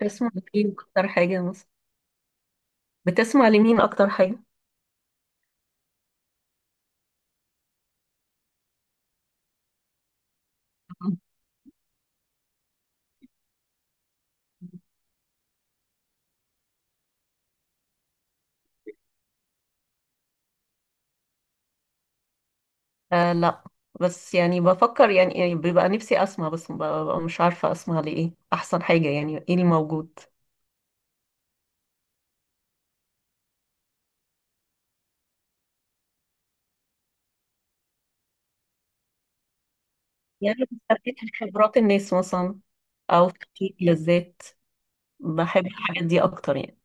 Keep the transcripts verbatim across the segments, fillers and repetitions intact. بتسمع ايه اكتر حاجة مثلا؟ بتسمع لمين اكتر حاجة؟ آه لا، بس يعني بفكر يعني, يعني بيبقى نفسي اسمع، بس ببقى مش عارفة اسمع لايه، احسن حاجة يعني ايه اللي موجود. يعني بستفيد من خبرات الناس مثلا، او تحقيق لذات. بحب الحاجات دي اكتر يعني.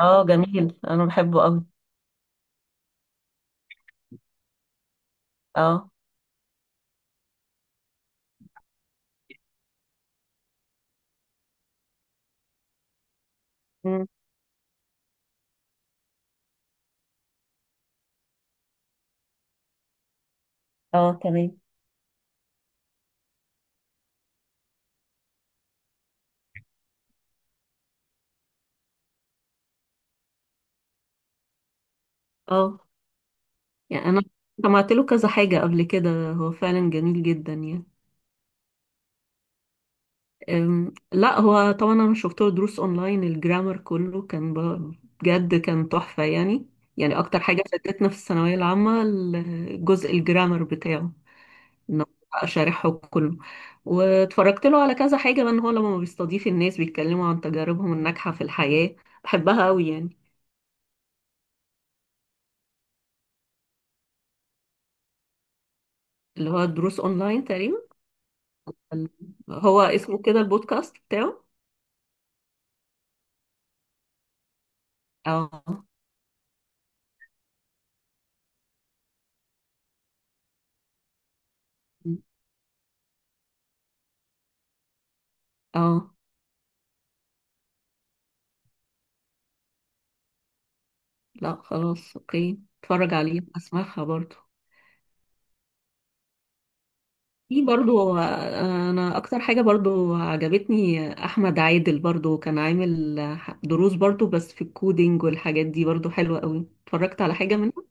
اه جميل، انا بحبه قوي. اه. مم. اه تمام. اه، يعني انا سمعت له كذا حاجة قبل كده، هو فعلا جميل جدا يعني. أم، لا، هو طبعا انا شفت له دروس اونلاين، الجرامر كله كان ب- بجد كان تحفة يعني. يعني اكتر حاجة فادتنا في الثانوية العامة الجزء الجرامر بتاعه، انه بقى شارحه كله. واتفرجت له على كذا حاجة بقى، ان هو لما بيستضيف الناس بيتكلموا عن تجاربهم الناجحة في الحياة، بحبها قوي يعني. اللي هو دروس اونلاين تقريبا. ال- هو اسمه كده البودكاست بتاعه. اه اه. لا خلاص اوكي، اتفرج عليه، اسمعها برضو. في برضو آه، انا اكتر حاجة برضو عجبتني احمد عادل، برضو كان عامل آه، دروس برضو، بس في الكودينج والحاجات دي برضو حلوة قوي، اتفرجت على حاجة منها.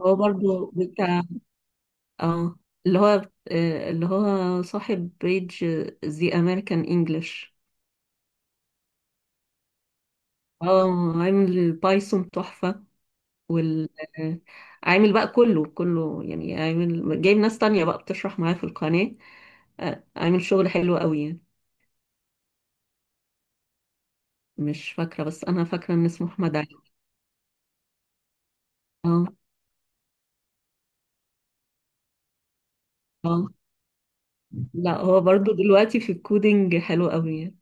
هو برضو بتاع. اه، اللي هو آه، اللي هو صاحب بيج زي امريكان انجلش. اه، عامل البايثون تحفة. وال آه، عامل بقى كله كله يعني، عامل جايب ناس تانية بقى بتشرح معاه في القناة، آه، عامل شغل حلو قوي يعني. مش فاكرة، بس أنا فاكرة إن اسمه أحمد علي. اه. اه. لا هو برضو دلوقتي في الكودينج حلو قوي يعني.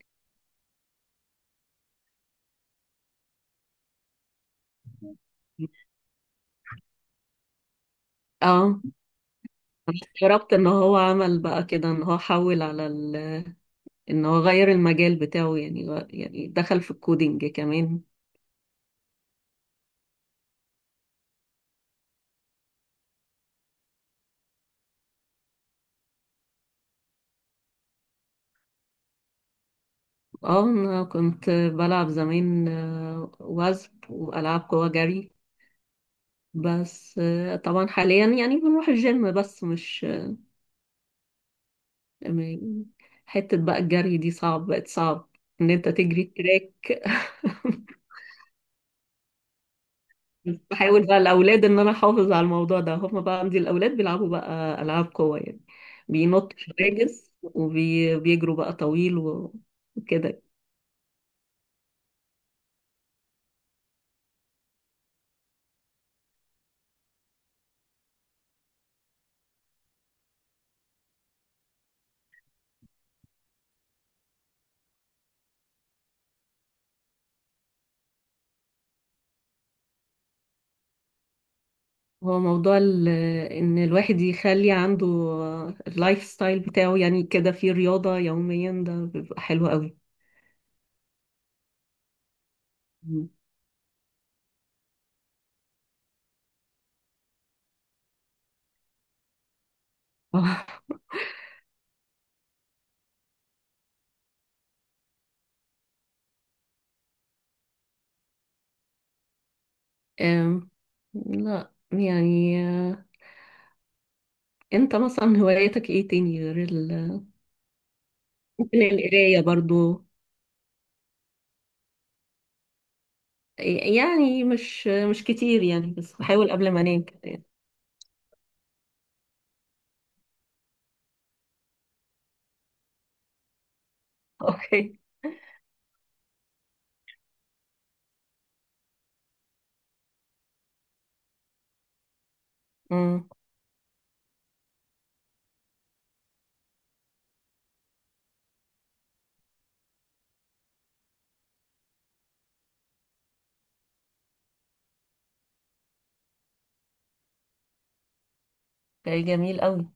اه، أنا استغربت ان هو عمل بقى كده، ان هو حول على ال... ان هو غير المجال بتاعه، يعني غ- يعني دخل في الكودينج كمان. اه، انا كنت بلعب زمان آه، وزب والعاب قوى، جري. بس آه، طبعا حاليا يعني بنروح الجيم، بس مش آه، م- حتة بقى الجري دي صعب، بقت صعب ان انت تجري تراك. بس بحاول بقى الاولاد ان انا احافظ على الموضوع ده، هم بقى عندي الاولاد بيلعبوا بقى العاب قوه يعني، بينطوا حواجز وبيجروا بقى طويل و- وكده. هو موضوع ال- ان الواحد يخلي عنده اللايف ستايل بتاعه يعني كده، فيه رياضه يوميا، ده بيبقى حلو قوي. مم. آه. أم، لا يعني. آه، انت مثلا هواياتك ايه تاني غير ال...؟ ممكن القرايه برضو. يعني مش مش كتير يعني، بس بحاول قبل ما انام كده يعني. اوكي. امم. ده جميل قوي.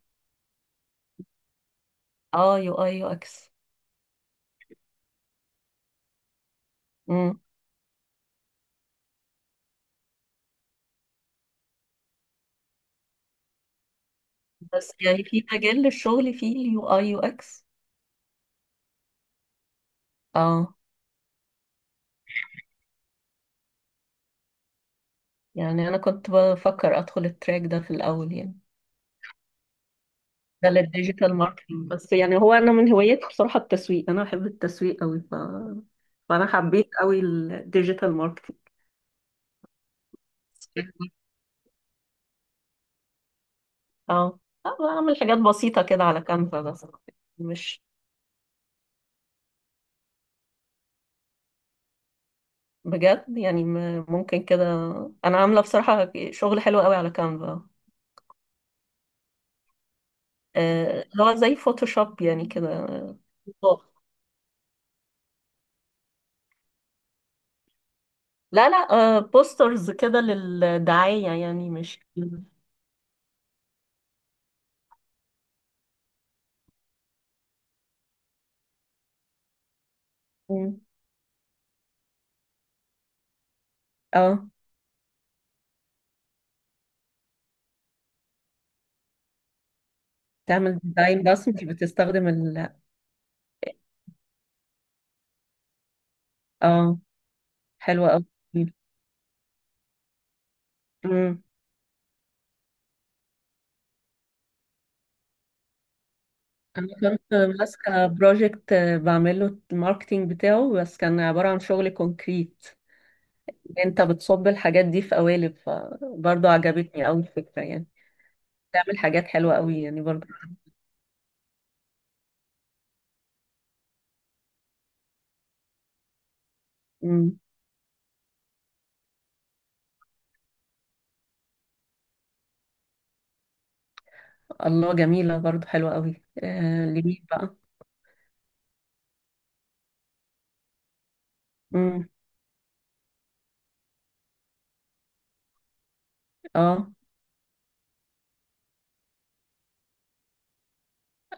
اه، يو اي يو اكس. امم. بس يعني في مجال للشغل فيه اليو اي يو اكس؟ اه، يعني انا كنت بفكر ادخل التراك ده في الاول يعني، ده للديجيتال ماركتنج. بس يعني هو انا من هواياتي بصراحة التسويق، انا بحب التسويق قوي ف... فانا حبيت قوي الديجيتال ماركتنج. اه. آه، بعمل حاجات بسيطة كده على كانفا بس. مش بجد يعني م- ممكن كده. انا عامله بصراحه شغل حلو قوي على كانفا. آه، اللي هو زي فوتوشوب يعني كده. آه، لا لا. آه، بوسترز كده للدعايه يعني، مش. مم. اه، تعمل ديزاين بس مش بتستخدم ال. اه. حلوة قوي. مم. انا كنت ماسكه بروجكت بعمله الماركتينج بتاعه، بس كان عباره عن شغل كونكريت، انت بتصب الحاجات دي في قوالب، فبرضه عجبتني قوي الفكره يعني. بتعمل حاجات حلوة قوي يعني برضو. مم. الله، جميلة برضو، حلوة قوي. آه لمين بقى؟ مم. اه.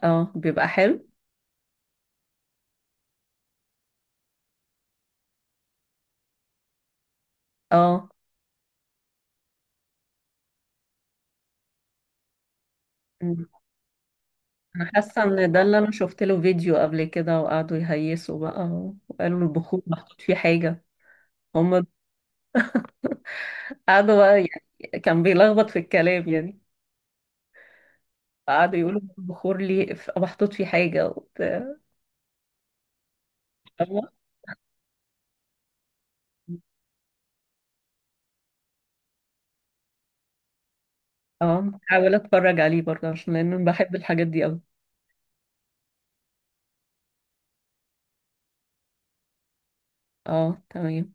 اه بيبقى حلو. اه. مم. انا حاسة ان ده اللي انا شفت له فيديو قبل كده، وقعدوا يهيسوا بقى، وقالوا البخور محطوط فيه حاجة. هم قعدوا بقى يعني، كان بيلخبط في الكلام يعني، قعدوا يقولوا البخور ليه ف- محطوط فيه حاجة وبتاع. فاهمة؟ اه، حاول اتفرج عليه برضه، عشان لان أنا بحب الحاجات دي قوي. اه تمام.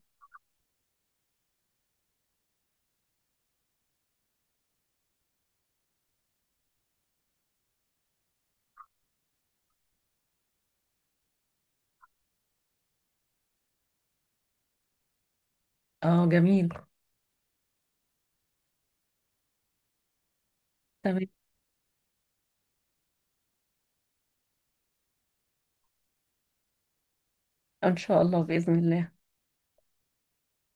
اه جميل. تمام. ان شاء الله، باذن الله.